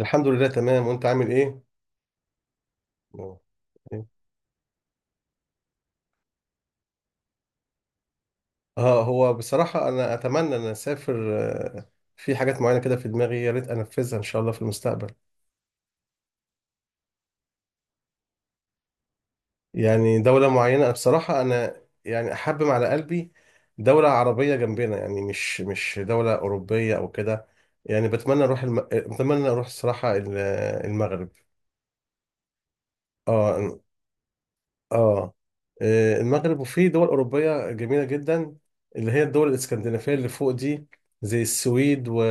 الحمد لله تمام، وانت عامل ايه؟ اه، هو بصراحة انا اتمنى ان اسافر. آه، في حاجات معينة كده في دماغي، يا ريت انفذها ان شاء الله في المستقبل. يعني دولة معينة، أنا بصراحة انا يعني احبم على قلبي. دولة عربية جنبنا، يعني مش دولة اوروبية او كده. يعني بتمنى اروح الصراحة المغرب. اه اه المغرب، وفي دول أوروبية جميلة جدا، اللي هي الدول الإسكندنافية اللي فوق دي، زي السويد و...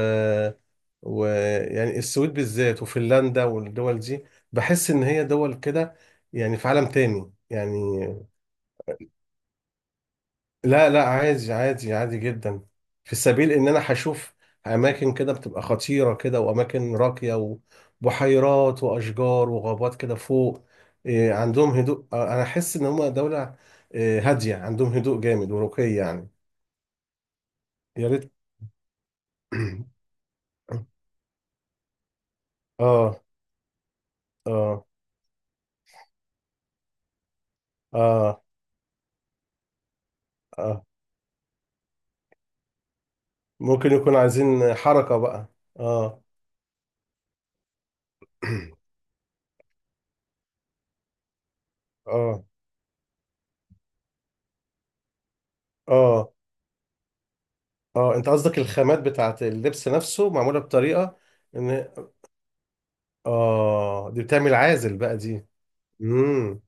و يعني السويد بالذات وفنلندا والدول دي. بحس إن هي دول كده، يعني في عالم تاني يعني. لا لا، عادي عادي عادي جدا، في سبيل ان انا هشوف اماكن كده بتبقى خطيرة كده، واماكن راقية، وبحيرات واشجار وغابات كده فوق. إيه، عندهم هدوء. انا احس ان هم دولة إيه، هادية، عندهم هدوء جامد ورقي يعني. يا ريت. اه اه اه اه ممكن يكون عايزين حركة بقى. اه. اه اه اه انت قصدك الخامات بتاعت اللبس نفسه معمولة بطريقة ان اه دي بتعمل عازل بقى دي. امم.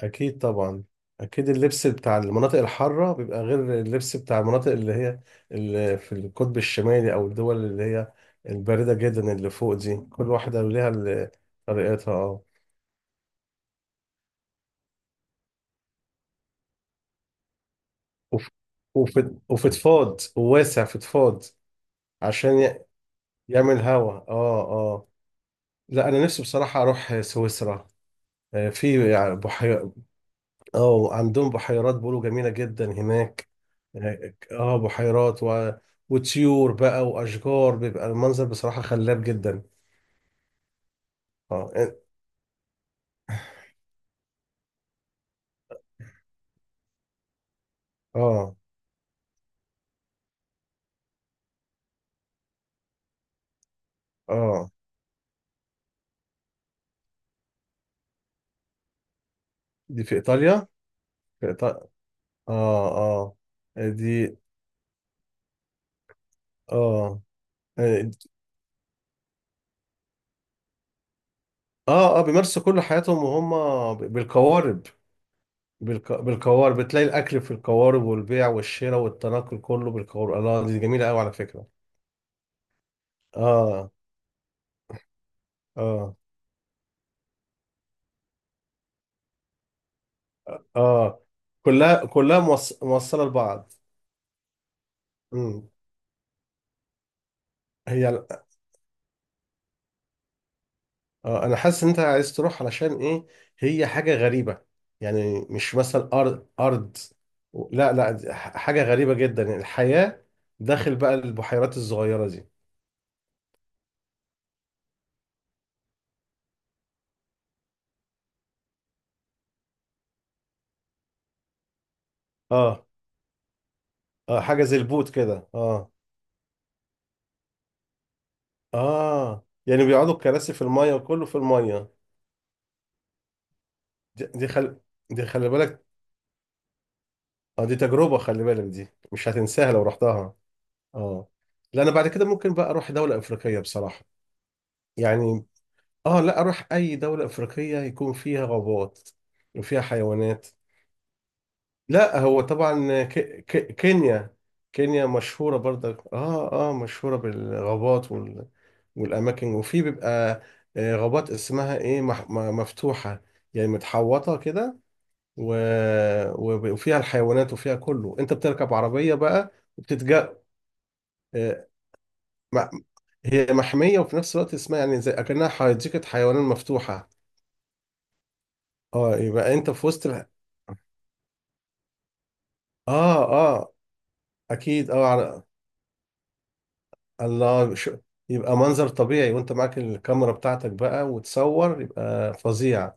اكيد طبعا. اكيد اللبس بتاع المناطق الحاره بيبقى غير اللبس بتاع المناطق اللي هي، اللي في القطب الشمالي، او الدول اللي هي البارده جدا اللي فوق دي، كل واحده ليها طريقتها وف- وف- وفضفاض وواسع فضفاض، عشان يعمل هوا لا، انا نفسي بصراحه اروح سويسرا. في يعني بحيرة. اه، عندهم بحيرات بيقولوا جميله جدا هناك. اه، بحيرات وطيور بقى واشجار، بيبقى المنظر بصراحه خلاب جدا. اه اه اه دي في ايطاليا. في إيطاليا. اه اه دي اه اه اه بيمارسوا كل حياتهم وهم بالقوارب. بالقوارب، بتلاقي الاكل في القوارب، والبيع والشراء والتنقل كله بالقوارب. الله، دي جميله قوي على فكره. اه اه اه كلها كلها موصله لبعض. مم. هي اه انا حاسس ان انت عايز تروح علشان ايه. هي حاجه غريبه، يعني مش مثلا ارض ارض. لا لا، دي حاجه غريبه جدا، يعني الحياه داخل بقى البحيرات الصغيره دي. اه اه حاجه زي البوت كده، اه. اه، يعني بيقعدوا الكراسي في الميه وكله في الميه. دي, دي خل دي خلي بالك. اه، دي تجربه، خلي بالك دي مش هتنساها لو رحتها. اه، لا انا بعد كده ممكن بقى اروح دوله افريقيه بصراحه. يعني اه لا اروح اي دولة افريقية يكون فيها غابات، وفيها حيوانات. لا هو طبعا كينيا. كينيا مشهورة برضك، مشهورة بالغابات والاماكن، وفي بيبقى غابات اسمها ايه، مفتوحة، يعني متحوطة كده. و... وفيها الحيوانات وفيها كله، انت بتركب عربية بقى وبتتجا آه، مع- هي محمية، وفي نفس الوقت اسمها يعني زي اكنها حديقة حيوانات مفتوحة. اه، يبقى انت في وسط. اه اه اكيد. اه على الله. يبقى منظر طبيعي، وانت معاك الكاميرا بتاعتك بقى وتصور، يبقى فظيع.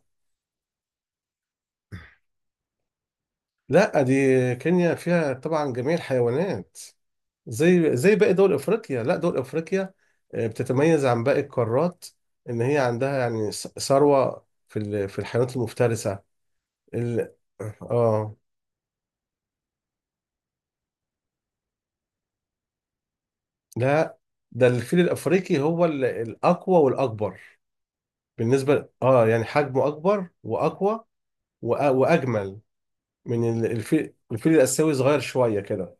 لا، دي كينيا فيها طبعا جميع الحيوانات، زي باقي دول افريقيا. لا، دول افريقيا بتتميز عن باقي القارات، ان هي عندها يعني ثروة في الحيوانات المفترسة. ال... اه لا، ده الفيل الافريقي هو الاقوى والاكبر بالنسبة، يعني حجمه اكبر واقوى واجمل من الفيل الاسيوي، صغير شويه كده.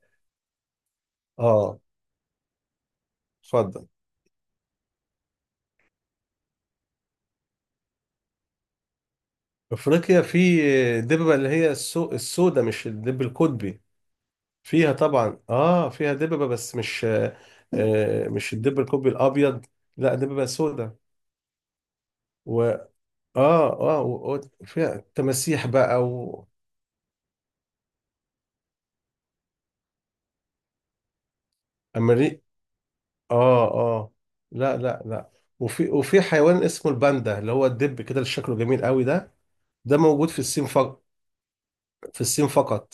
اه، اتفضل. افريقيا في دببه اللي هي السوداء، مش الدب القطبي. فيها طبعا، فيها دببه بس مش، آه، مش الدب القطبي الابيض، لا دببه سوداء. و اه اه و... و- فيها تماسيح بقى. وامريك اه اه لا لا لا. وفي حيوان اسمه الباندا، اللي هو الدب كده اللي شكله جميل قوي ده، ده موجود في الصين فقط. في الصين فقط،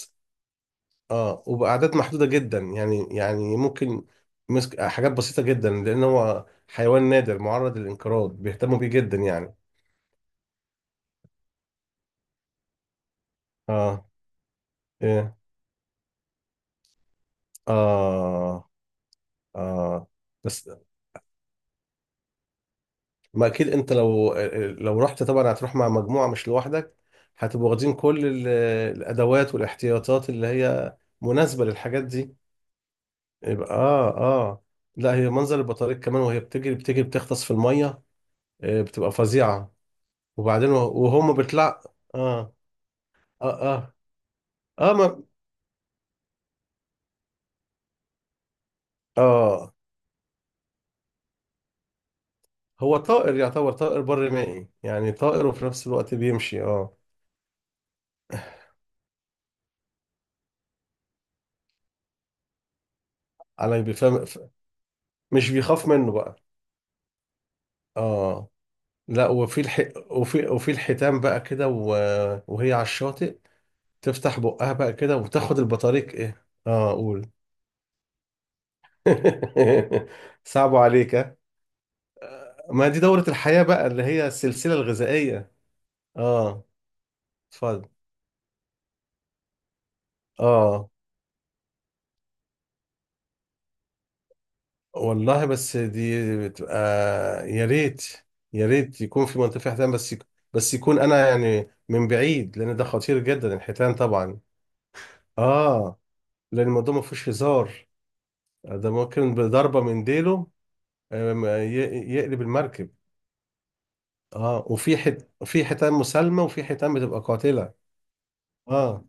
اه، وبأعداد محدودة جدا، يعني ممكن مسك حاجات بسيطة جدا، لأن هو حيوان نادر معرض للانقراض، بيهتموا بيه جدا يعني. اه. ايه. اه اه بس ما أكيد، أنت لو لو رحت طبعا هتروح مع مجموعة مش لوحدك، هتبقوا واخدين كل الأدوات والاحتياطات اللي هي مناسبة للحاجات دي. يبقى لا، هي منظر البطاريق كمان، وهي بتجري بتجري بتغطس في المية بتبقى فظيعة. وبعدين وهم بيطلع. اه اه اه اه ما اه هو طائر يعتبر طائر بري مائي، يعني طائر وفي نفس الوقت بيمشي اه. على بيفهم. مش بيخاف منه بقى. اه لا، وفي الحيتان بقى كده، و... وهي على الشاطئ تفتح بقها بقى كده وتاخد البطاريق ايه، اه، قول. صعب عليك ها؟ ما دي دورة الحياة بقى، اللي هي السلسلة الغذائية. اه، اتفضل. اه والله، بس دي بتبقى يا ريت. يا ريت يكون في منطقة فيها حيتان، بس يكون انا يعني من بعيد، لان ده خطير جدا الحيتان طبعا. اه، لان الموضوع ما فيهوش هزار، ده ممكن بضربة من ديله آم، ي... يقلب المركب. اه، في حيتان مسالمة، وفي حيتان بتبقى قاتلة. اه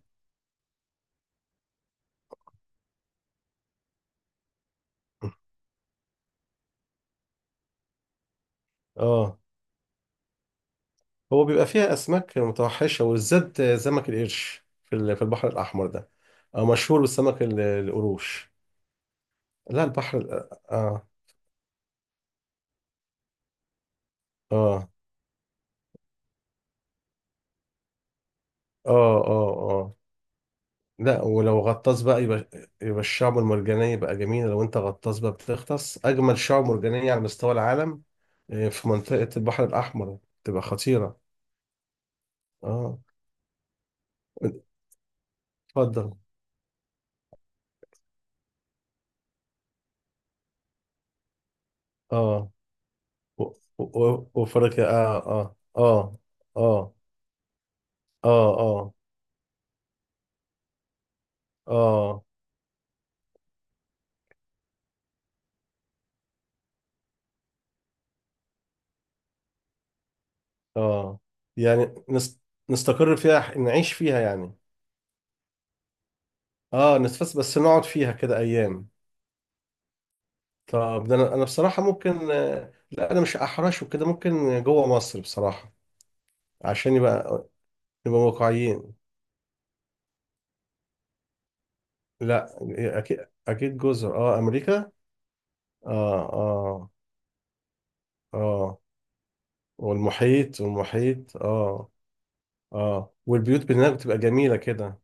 اه هو بيبقى فيها اسماك متوحشة، وبالذات سمك القرش في البحر الاحمر ده. آه، مشهور بالسمك القروش. لا البحر ال- اه اه اه اه اه لا، ولو غطاس بقى يبقى الشعب المرجانية بقى جميلة، لو انت غطاس بقى بتغطس أجمل شعب مرجانية على مستوى العالم في منطقة البحر الأحمر، تبقى خطيرة. اه، اتفضل. اه و- وأفريقيا اه اه اه اه اه يعني نستقر فيها، نعيش فيها يعني. اه، بس نقعد فيها كده أيام. طب ده انا بصراحه ممكن لا، انا مش احرش وكده، ممكن جوه مصر بصراحه، عشان يبقى نبقى واقعيين. لا، اكيد اكيد جزر امريكا. اه اه اه والمحيط اه، والبيوت هناك بتبقى جميله كده،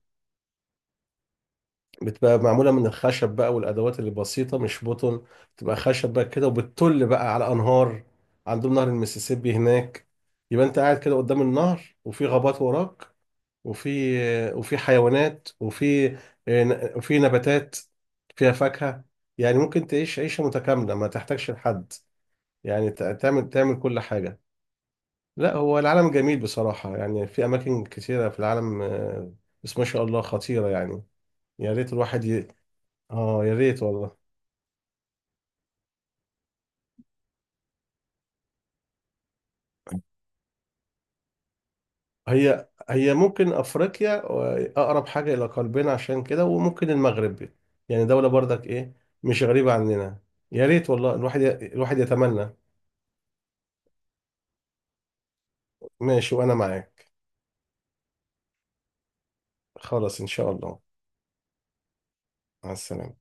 بتبقى معموله من الخشب بقى، والادوات اللي بسيطه مش بطن، بتبقى خشب بقى كده، وبتطل بقى على انهار، عندهم نهر المسيسيبي هناك. يبقى انت قاعد كده قدام النهر، وفي غابات وراك، وفي وفي حيوانات وفي نباتات فيها فاكهة. يعني ممكن تعيش عيشة متكاملة، ما تحتاجش لحد، يعني تعمل كل حاجة. لا، هو العالم جميل بصراحة، يعني في أماكن كثيرة في العالم بس ما شاء الله خطيرة يعني، يا ريت الواحد آه، يا ريت والله. هي ممكن أفريقيا أقرب حاجة إلى قلبنا عشان كده، وممكن المغرب، يعني دولة برضك إيه، مش غريبة عننا. يا ريت والله، الواحد الواحد يتمنى. ماشي، وانا معاك. خلاص ان شاء الله. مع السلامة.